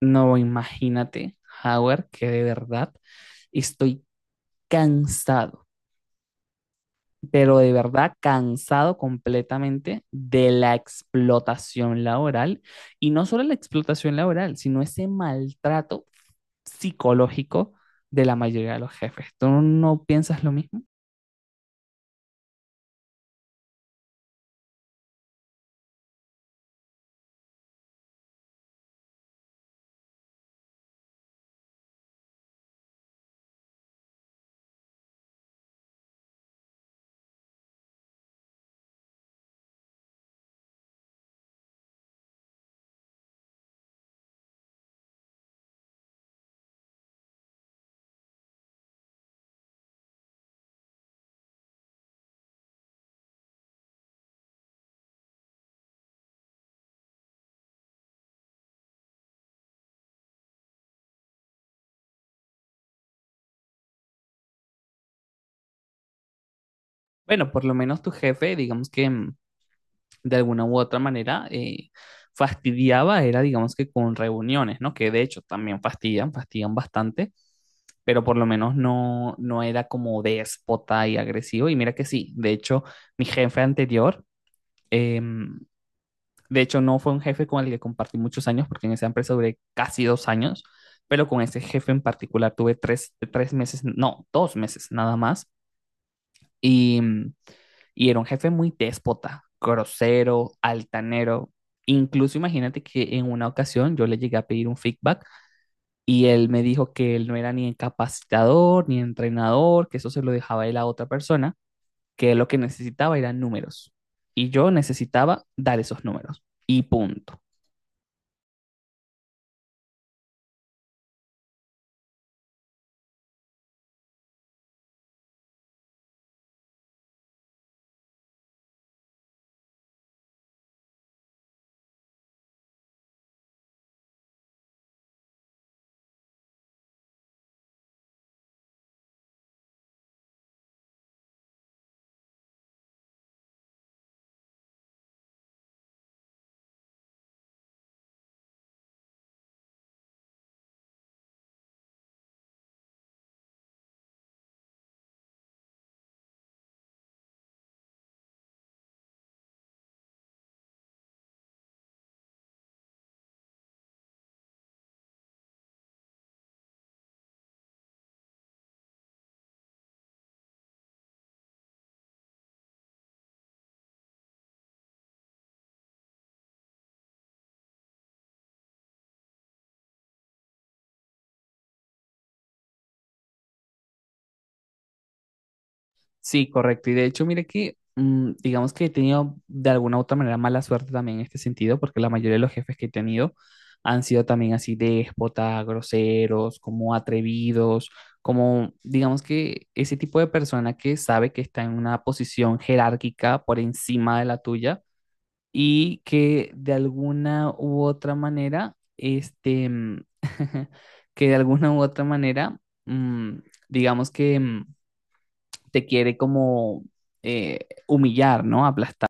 No, imagínate, Howard, que de verdad estoy cansado, pero de verdad cansado completamente de la explotación laboral y no solo la explotación laboral, sino ese maltrato psicológico de la mayoría de los jefes. ¿Tú no piensas lo mismo? Bueno, por lo menos tu jefe, digamos que de alguna u otra manera fastidiaba era, digamos que con reuniones, ¿no? Que de hecho también fastidian bastante, pero por lo menos no era como déspota y agresivo. Y mira que sí, de hecho, mi jefe anterior, eh, de hecho no fue un jefe con el que compartí muchos años, porque en esa empresa duré casi 2 años, pero con ese jefe en particular tuve tres meses, no, 2 meses nada más. Y y era un jefe muy déspota, grosero, altanero. Incluso imagínate que en una ocasión yo le llegué a pedir un feedback y él me dijo que él no era ni capacitador ni entrenador, que eso se lo dejaba él a otra persona, que él lo que necesitaba eran números. Y yo necesitaba dar esos números. Y punto. Sí, correcto. Y de hecho, mire que, digamos que he tenido de alguna u otra manera mala suerte también en este sentido, porque la mayoría de los jefes que he tenido han sido también así déspotas, groseros, como atrevidos, como, digamos que ese tipo de persona que sabe que está en una posición jerárquica por encima de la tuya y que de alguna u otra manera, que de alguna u otra manera, mm, digamos que... mm, te quiere como humillar, ¿no? Aplastar.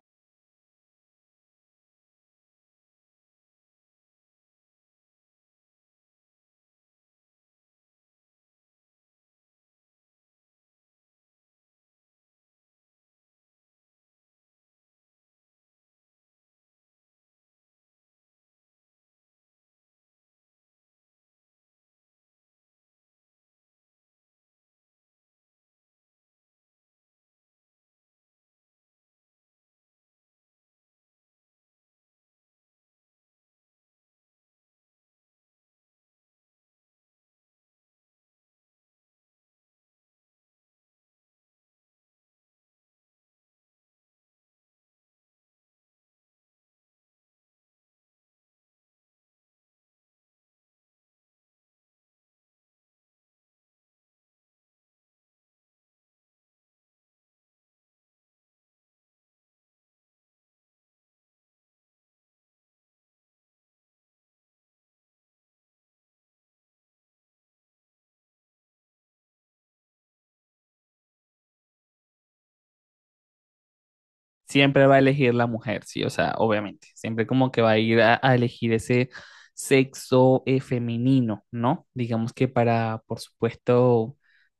Siempre va a elegir la mujer, sí, o sea, obviamente. Siempre como que va a ir a elegir ese sexo femenino, ¿no? Digamos que para, por supuesto,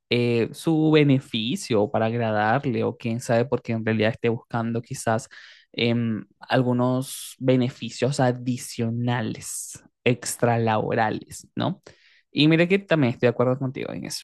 su beneficio, o para agradarle, o quién sabe, porque en realidad esté buscando quizás algunos beneficios adicionales, extralaborales, ¿no? Y mira que también estoy de acuerdo contigo en eso.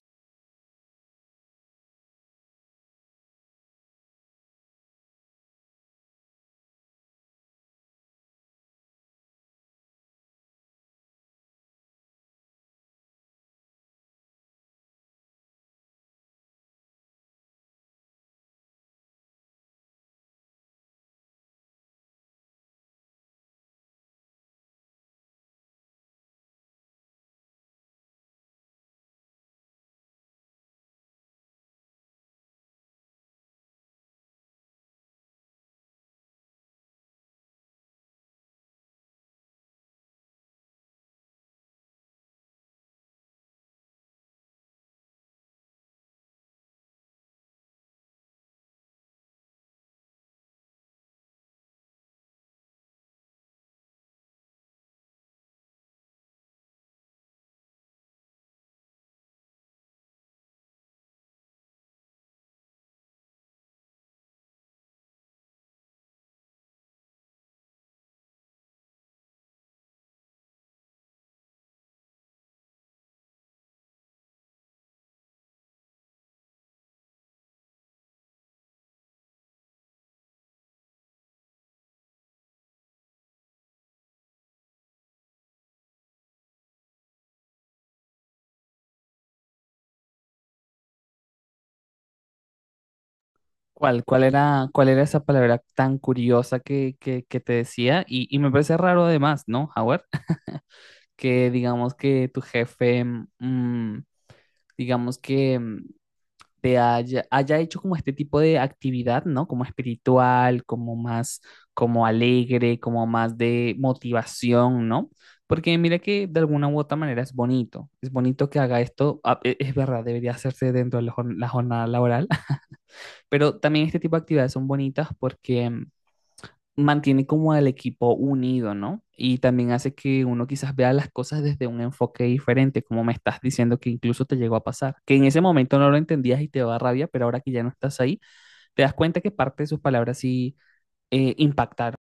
¿Cuál era, cuál era esa palabra tan curiosa que te decía? Y me parece raro además, ¿no, Howard? Que digamos que tu jefe, mm, digamos que te haya, haya hecho como este tipo de actividad, ¿no? Como espiritual, como más, como alegre, como más de motivación, ¿no? Porque mira que de alguna u otra manera es bonito que haga esto, ah, es verdad, debería hacerse dentro de la la jornada laboral pero también este tipo de actividades son bonitas porque mantiene como al equipo unido, ¿no? Y también hace que uno quizás vea las cosas desde un enfoque diferente, como me estás diciendo que incluso te llegó a pasar, que en ese momento no lo entendías y te daba rabia, pero ahora que ya no estás ahí, te das cuenta que parte de sus palabras sí impactaron.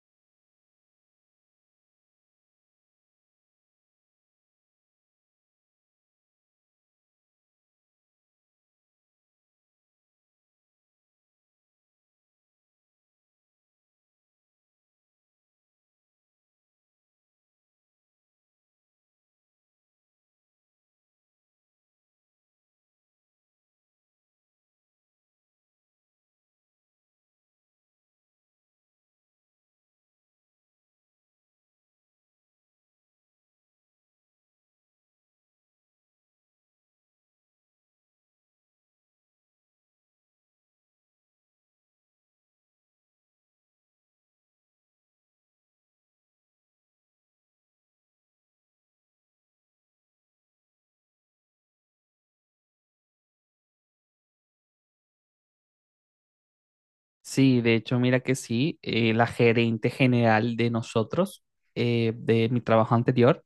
Sí, de hecho, mira que sí, la gerente general de nosotros, de mi trabajo anterior,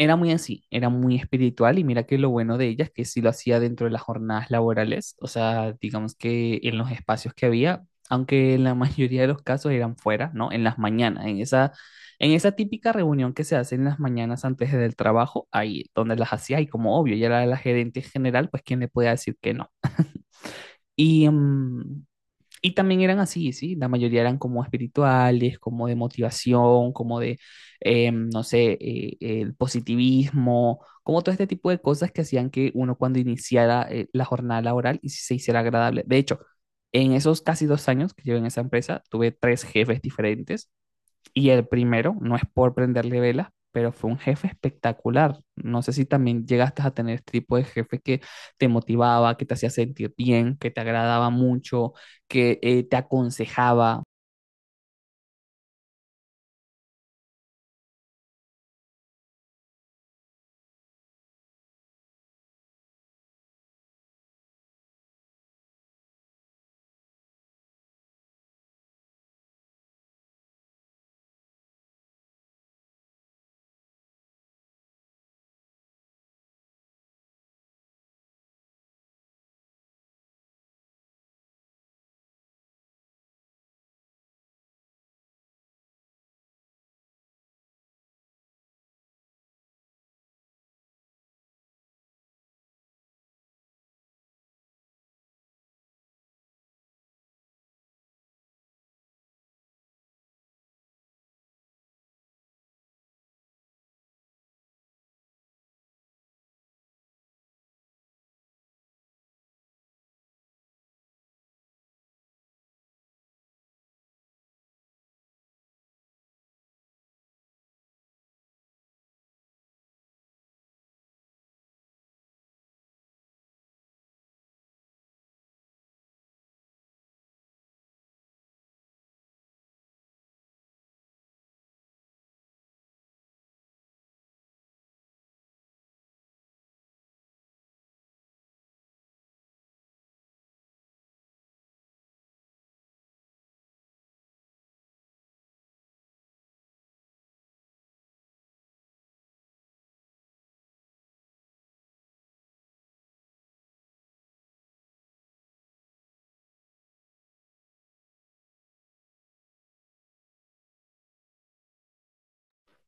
era muy así, era muy espiritual y mira que lo bueno de ella es que sí lo hacía dentro de las jornadas laborales, o sea, digamos que en los espacios que había, aunque en la mayoría de los casos eran fuera, ¿no? En las mañanas, en esa típica reunión que se hace en las mañanas antes del trabajo, ahí donde las hacía y como obvio, ella era la gerente general, pues quién le podía decir que no. Y, y también eran así, ¿sí? La mayoría eran como espirituales, como de motivación, como de, no sé, el positivismo, como todo este tipo de cosas que hacían que uno cuando iniciara la jornada laboral y se hiciera agradable. De hecho, en esos casi 2 años que llevo en esa empresa, tuve tres jefes diferentes y el primero, no es por prenderle velas, pero fue un jefe espectacular. No sé si también llegaste a tener este tipo de jefe que te motivaba, que te hacía sentir bien, que te agradaba mucho, que te aconsejaba.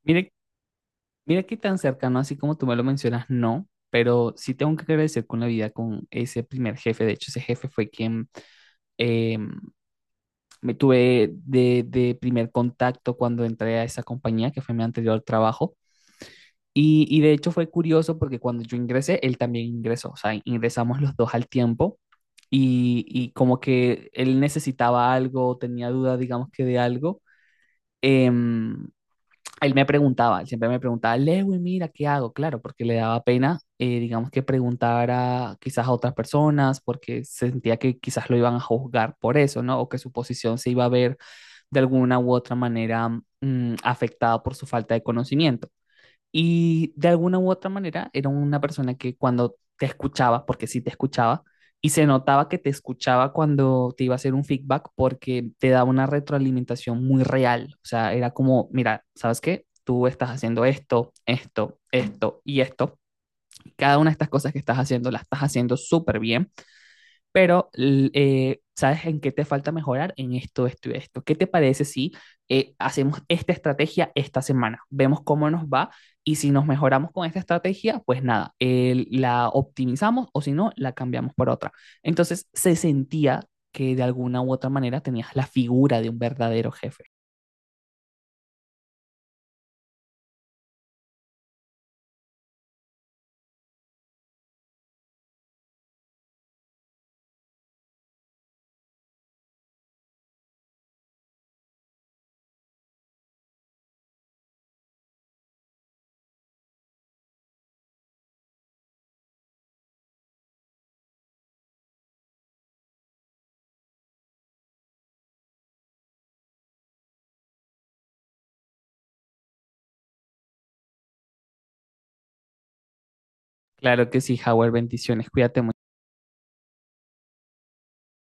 Mire, mira qué tan cercano, así como tú me lo mencionas, no, pero sí tengo que agradecer con la vida con ese primer jefe. De hecho, ese jefe fue quien eh, me tuve de primer contacto cuando entré a esa compañía, que fue mi anterior trabajo. Y de hecho fue curioso porque cuando yo ingresé, él también ingresó, o sea, ingresamos los dos al tiempo y como que él necesitaba algo, tenía duda, digamos que de algo, em, él me preguntaba, él siempre me preguntaba, Lewin, mira, ¿qué hago? Claro, porque le daba pena, digamos que preguntar a quizás a otras personas porque sentía que quizás lo iban a juzgar por eso, ¿no? O que su posición se iba a ver de alguna u otra manera afectada por su falta de conocimiento. Y de alguna u otra manera era una persona que cuando te escuchaba, porque sí te escuchaba, y se notaba que te escuchaba cuando te iba a hacer un feedback porque te daba una retroalimentación muy real. O sea, era como, mira, ¿sabes qué? Tú estás haciendo esto, esto, esto y esto. Cada una de estas cosas que estás haciendo las estás haciendo súper bien pero ¿sabes en qué te falta mejorar? En esto, esto y esto. ¿Qué te parece si hacemos esta estrategia esta semana? Vemos cómo nos va y si nos mejoramos con esta estrategia, pues nada, la optimizamos o si no, la cambiamos por otra. Entonces se sentía que de alguna u otra manera tenías la figura de un verdadero jefe. Claro que sí, Howard, bendiciones, cuídate mucho.